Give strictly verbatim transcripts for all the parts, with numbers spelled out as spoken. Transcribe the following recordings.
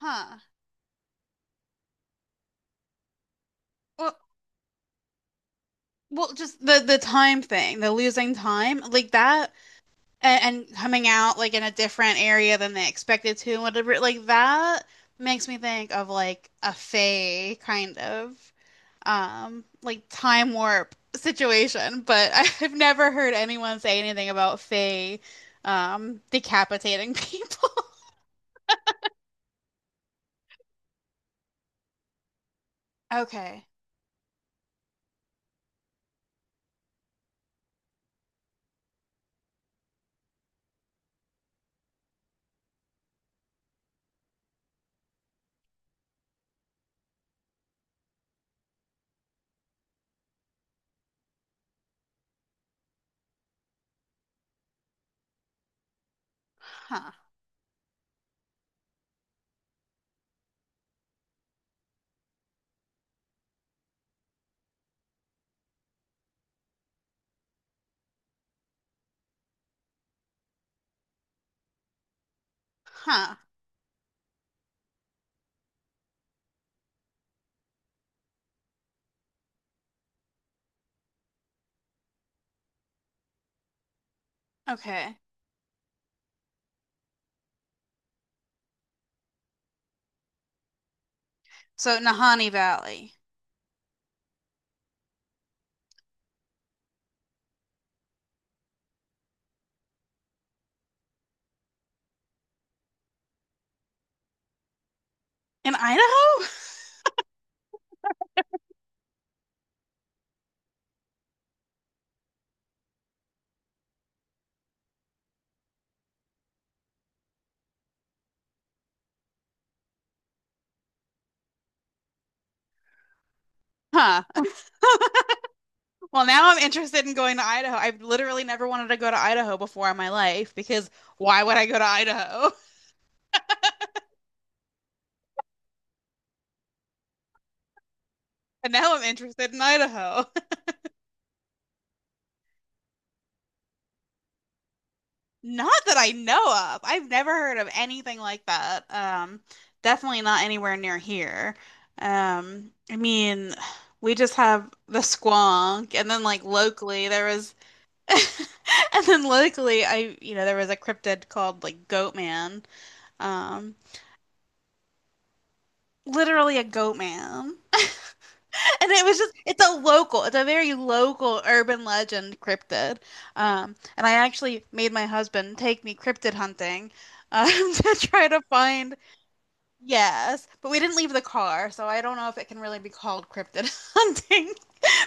Huh. Well, well, just the the time thing, the losing time, like that, and, and coming out like in a different area than they expected to, and whatever, like that makes me think of like a fae kind of um like time warp situation. But I've never heard anyone say anything about fae um decapitating people. Okay. Huh. Huh. Okay. So Nahanni Valley in Idaho? Huh. Well, now I'm interested in going to Idaho. I've literally never wanted to go to Idaho before in my life because why would I go to Idaho? And now I'm interested in Idaho. Not that I know of. I've never heard of anything like that. Um, definitely not anywhere near here. Um, I mean, we just have the squonk, and then like locally there was, and then locally I, you know, there was a cryptid called like Goat Man. Um, Literally a goat man. And it was just, it's a local, it's a very local urban legend cryptid. Um, and I actually made my husband take me cryptid hunting, um, to try to find, yes, but we didn't leave the car, so I don't know if it can really be called cryptid hunting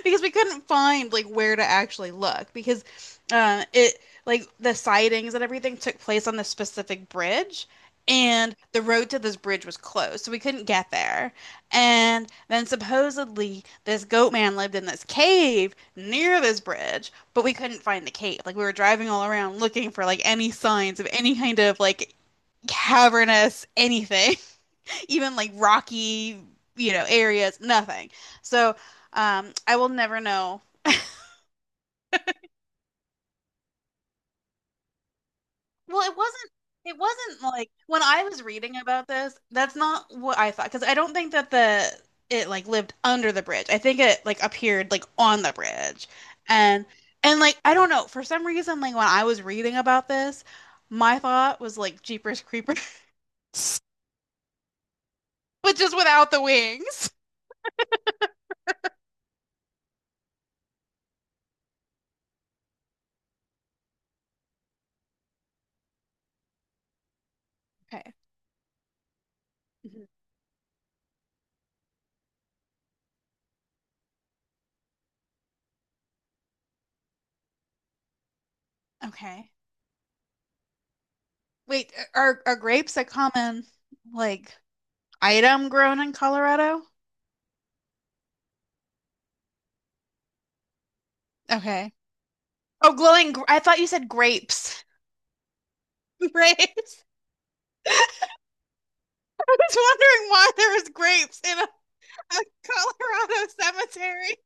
because we couldn't find like where to actually look because uh, it like the sightings and everything took place on this specific bridge, and the road to this bridge was closed, so we couldn't get there, and then supposedly this goat man lived in this cave near this bridge, but we couldn't find the cave. Like, we were driving all around looking for like any signs of any kind of like cavernous anything, even like rocky, you know, areas, nothing. So um, I will never know. Well, it wasn't it wasn't like when I was reading about this, that's not what I thought, because I don't think that the it like lived under the bridge. I think it like appeared like on the bridge. And and like I don't know, for some reason like when I was reading about this, my thought was like Jeepers Creepers, but just without the wings. Okay. Wait, are are grapes a common like item grown in Colorado? Okay. Oh, glowing gr- I thought you said grapes. Grapes. I was wondering why there was grapes in a, a Colorado cemetery.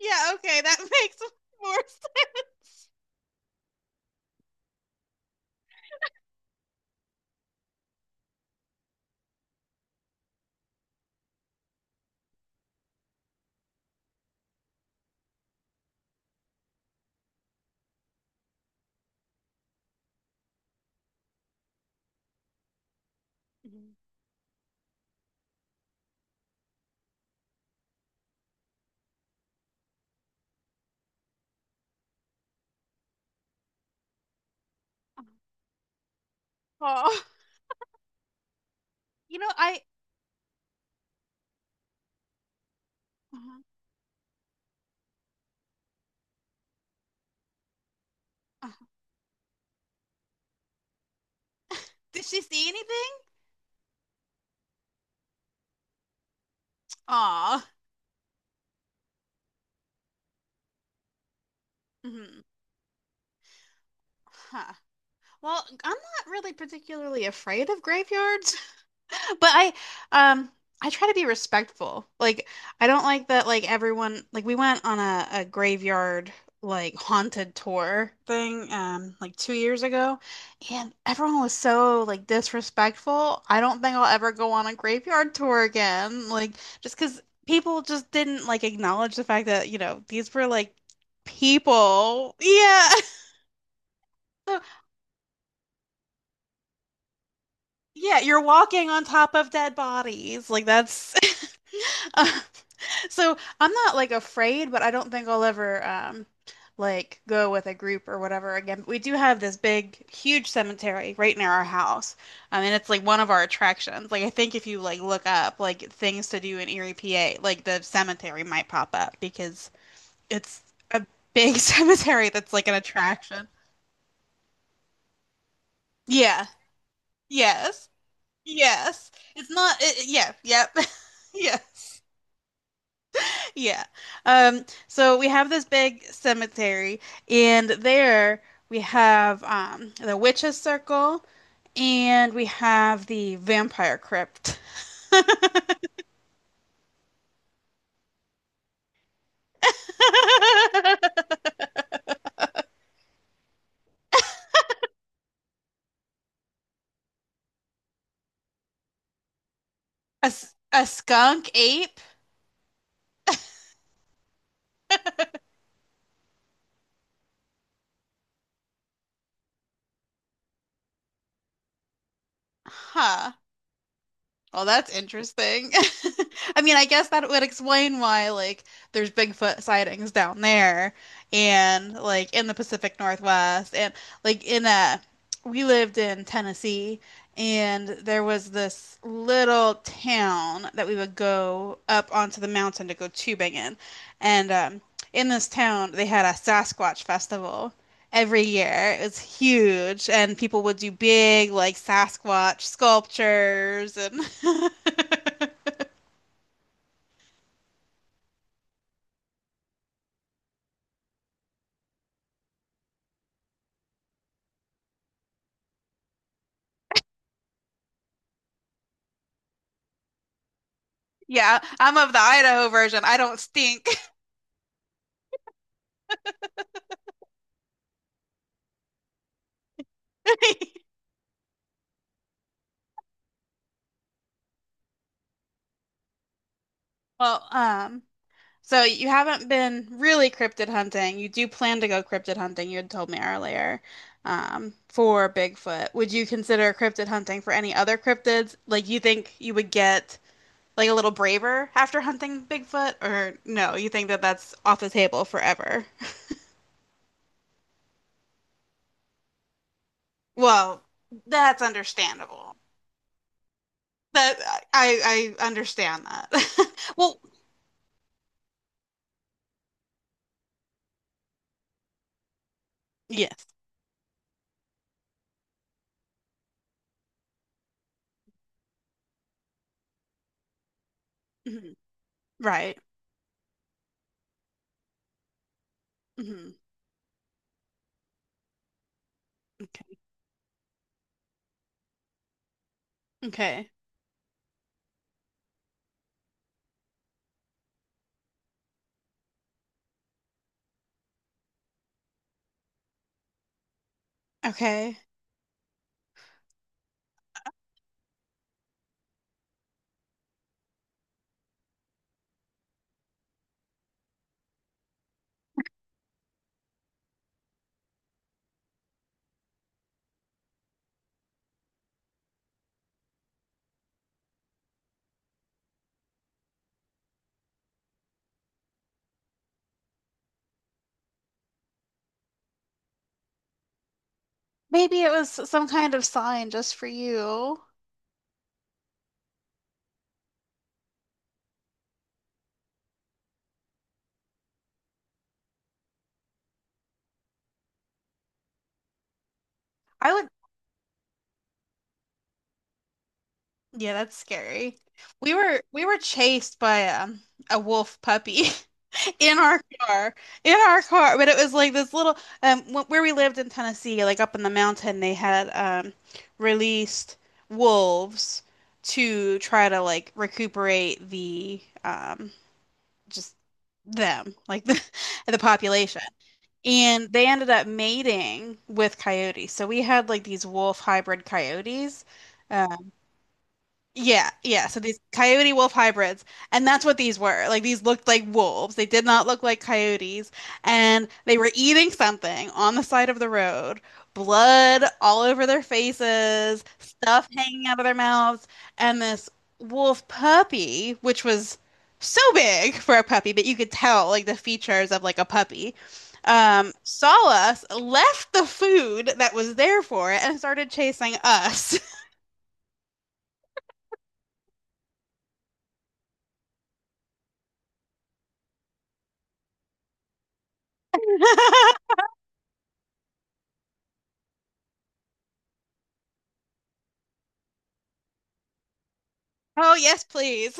Yeah, okay, that makes more sense. Oh, you know, I uh, did she see anything? Aw. Mhm. Huh. Well, I'm not really particularly afraid of graveyards. But I um I try to be respectful. Like, I don't like that like everyone like we went on a, a graveyard like haunted tour thing um like two years ago, and everyone was so like disrespectful. I don't think I'll ever go on a graveyard tour again. Like, just 'cause people just didn't like acknowledge the fact that, you know, these were like people. Yeah. So yeah, you're walking on top of dead bodies. Like, that's so I'm not like afraid, but I don't think I'll ever um like go with a group or whatever again. But we do have this big, huge cemetery right near our house. I mean, it's like one of our attractions. Like, I think if you like look up like things to do in Erie, P A, like the cemetery might pop up because it's a big cemetery that's like an attraction. Yeah. Yes. Yes. It's not it, yeah, yep. Yes. Yeah. Um, so we have this big cemetery, and there we have um, the witch's circle, and we have the vampire crypt. A, s- a skunk ape? Huh. Well, that's interesting. I mean, I guess that would explain why, like, there's Bigfoot sightings down there and, like, in the Pacific Northwest. And like in a we lived in Tennessee, and there was this little town that we would go up onto the mountain to go tubing in. And um, in this town, they had a Sasquatch festival every year. It was huge, and people would do big, like Sasquatch sculptures. And yeah, I'm of the Idaho version. I don't stink. Well, um, So you haven't been really cryptid hunting. You do plan to go cryptid hunting, you had told me earlier, um, for Bigfoot. Would you consider cryptid hunting for any other cryptids? Like, you think you would get like a little braver after hunting Bigfoot, or no, you think that that's off the table forever? Well, that's understandable. That I I understand that. Well, yes. Mhm. Right. Hmm. Okay. Okay. Okay. Maybe it was some kind of sign just for you. I would, yeah, that's scary. We were we were chased by um, a wolf puppy in our car, in our car. But it was like this little um wh- where we lived in Tennessee, like up in the mountain, they had um released wolves to try to like recuperate the um just them, like the the population. And they ended up mating with coyotes. So we had like these wolf hybrid coyotes. Yeah, yeah. So these coyote wolf hybrids, and that's what these were. Like, these looked like wolves. They did not look like coyotes, and they were eating something on the side of the road. Blood all over their faces, stuff hanging out of their mouths, and this wolf puppy, which was so big for a puppy, but you could tell like the features of like a puppy, um, saw us, left the food that was there for it, and started chasing us. Oh, yes, please.